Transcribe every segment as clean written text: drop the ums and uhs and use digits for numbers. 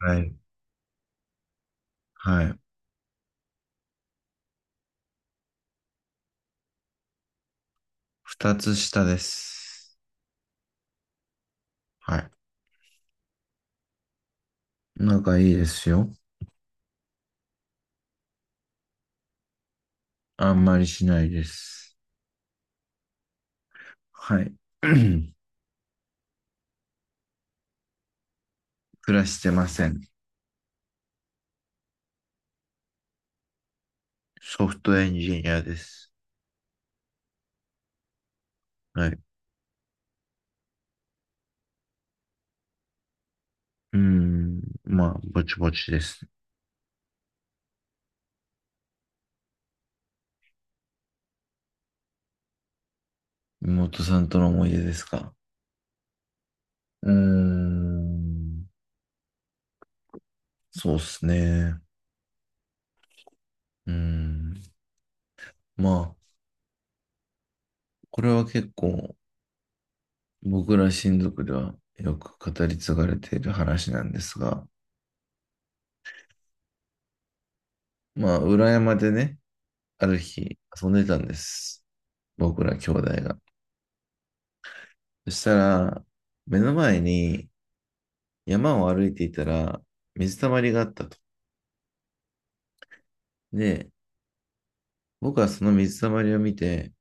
はい。はい。二つ下です。はい。仲いいですよ。あんまりしないです。はい。暮らしてません。ソフトエンジニアです。はい。うーん。まあ、ぼちぼちです。妹さんとの思い出ですか？うーん。そうっすね。うーん。まあ、これは結構僕ら親族ではよく語り継がれている話なんですが、まあ、裏山でね、ある日、遊んでたんです。僕ら兄弟が。そしたら、目の前に山を歩いていたら、水たまりがあったと。で、僕はその水たまりを見て、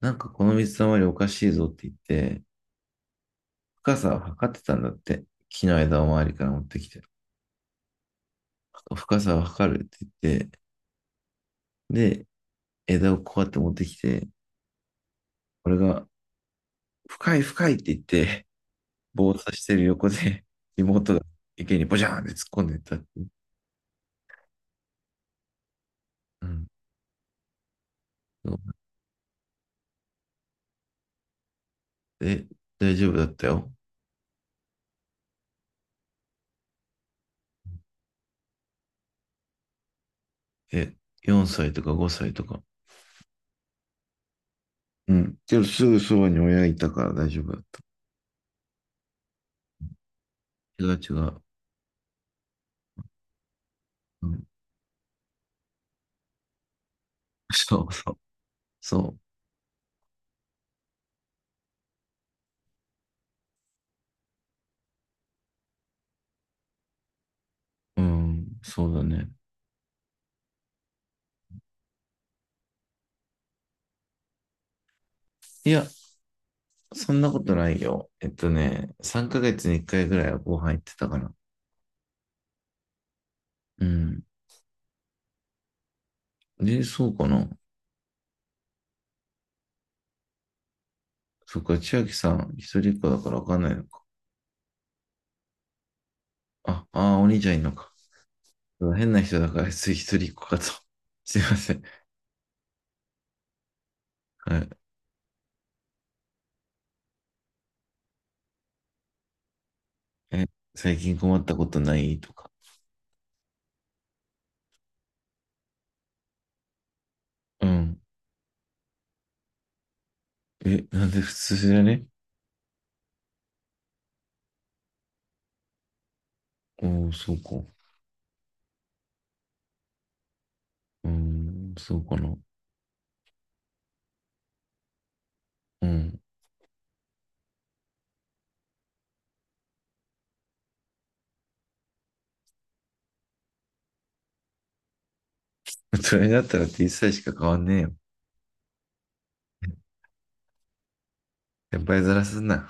なんかこの水たまりおかしいぞって言って、深さを測ってたんだって。木の枝を周りから持ってきて。深さを測るって言って、で、枝をこうやって持ってきて、俺が、深い深いって言って、棒を刺してる横で、妹が池にボジャーンって突っ込んでいったっていう。うん。そう。え、大丈夫だったよ。え、4歳とか5歳とか。うん。けどすぐそばに親いたから大丈夫だった。違う違う。うん。そうそう。そう。うん。そうだね。いや、そんなことないよ。3ヶ月に1回ぐらいはご飯行ってたから。うん。で、そうかな。そっか、千秋さん、一人っ子だからわかんないのか。あ、ああ、お兄ちゃんいるのか。変な人だから、つい一人っ子かと。すいません。はい。え、最近困ったことないとか。うん。え、なんで普通じゃね？おー、そうか。うーん、そうかな。うん。そになったら T 歳しか変わんねえよ。先輩ずらすな。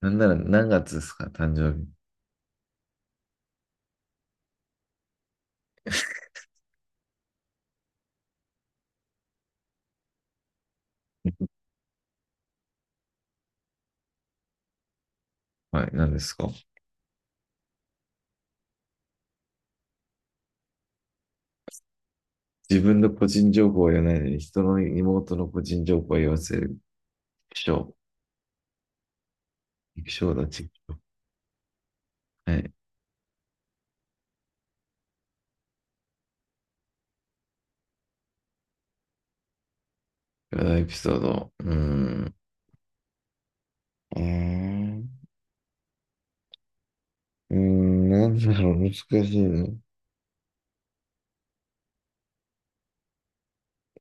なんなら何月ですか誕生日？はい、何ですか？自分の個人情報は言わないのに、人の妹の個人情報は言わせる。気象。気象だ、気象。はい。このエピソード。うーん。うーん。うーん、なんだろう、難しいな。う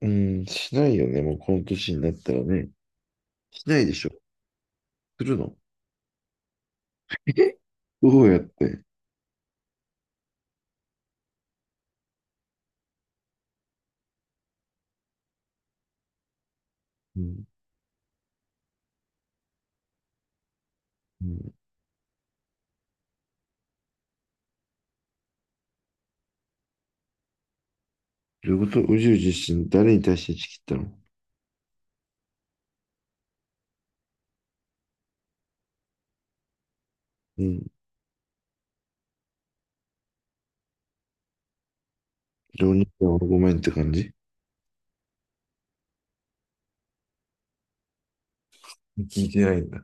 ーん、しないよね、もうこの年になったらね。しないでしょ。するの？ え、どうやって、うん。うん。どういうこと宇宙自身、誰に対して打ち切ったの？うん。情熱はごめんって感じ。聞いてないんだ。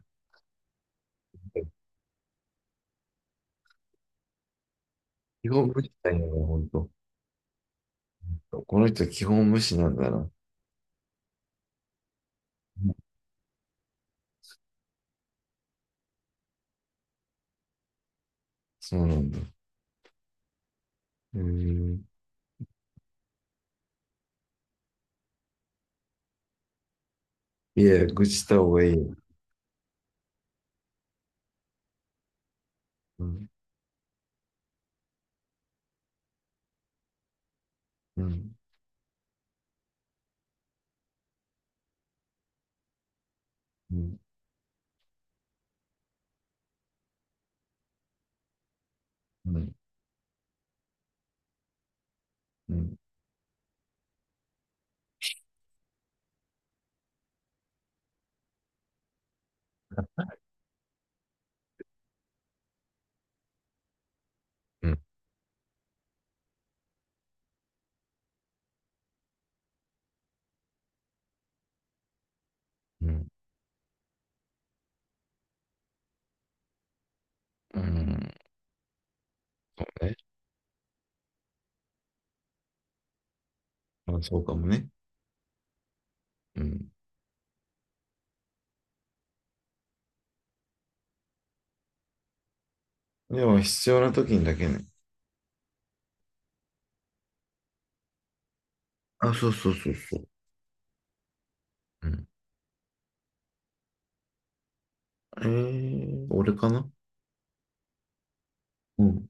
基本無視なんだよねほんと。この人は基本無視なんだな。そうなんだ。うーん。いや、愚痴した方がいいよ。うん。うん。うん。うん。うん。うん。うん。うん。え、まあ、そうかもね。うん。でも、必要な時にだけね。あ、そうそうそうそう。うん。俺かな？うん。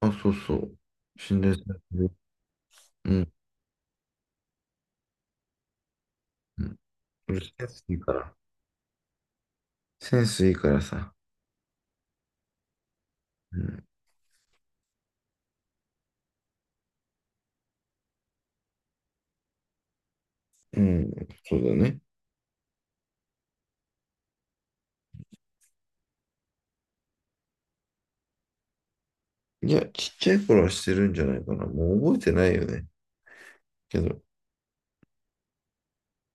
あ、そうそう。心霊される。うん。うん。俺センスいいから。センスいいからさ。うん。うん。そうだね。いや、ちっちゃい頃はしてるんじゃないかな。もう覚えてないよね。けど、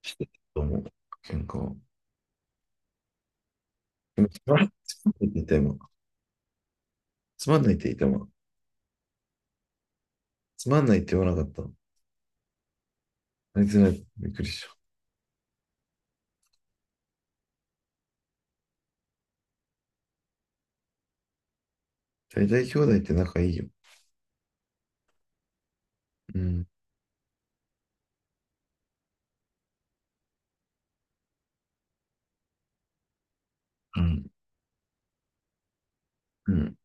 してたと思う。喧嘩は。でもつまんないつまんないって言った今。つまんないって言った今。つまんないって言わなかった。あいつら、びっくりした。大体兄弟って仲いいよ。うん。うん。うん。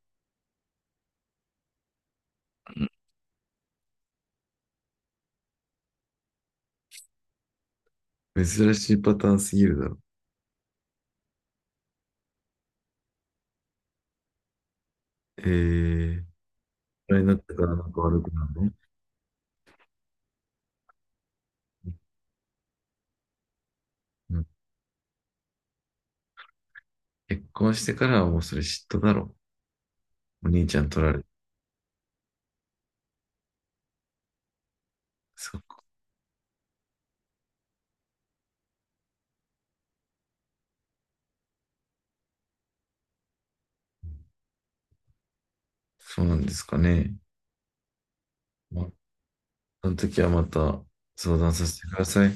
珍しいパターンすぎるだろ。えー、あれになってからなんか悪くなるの？うん。結婚してからはもうそれ嫉妬だろ。お兄ちゃん取られて。そうか。そうなんですかね。まあ、その時はまた相談させてください。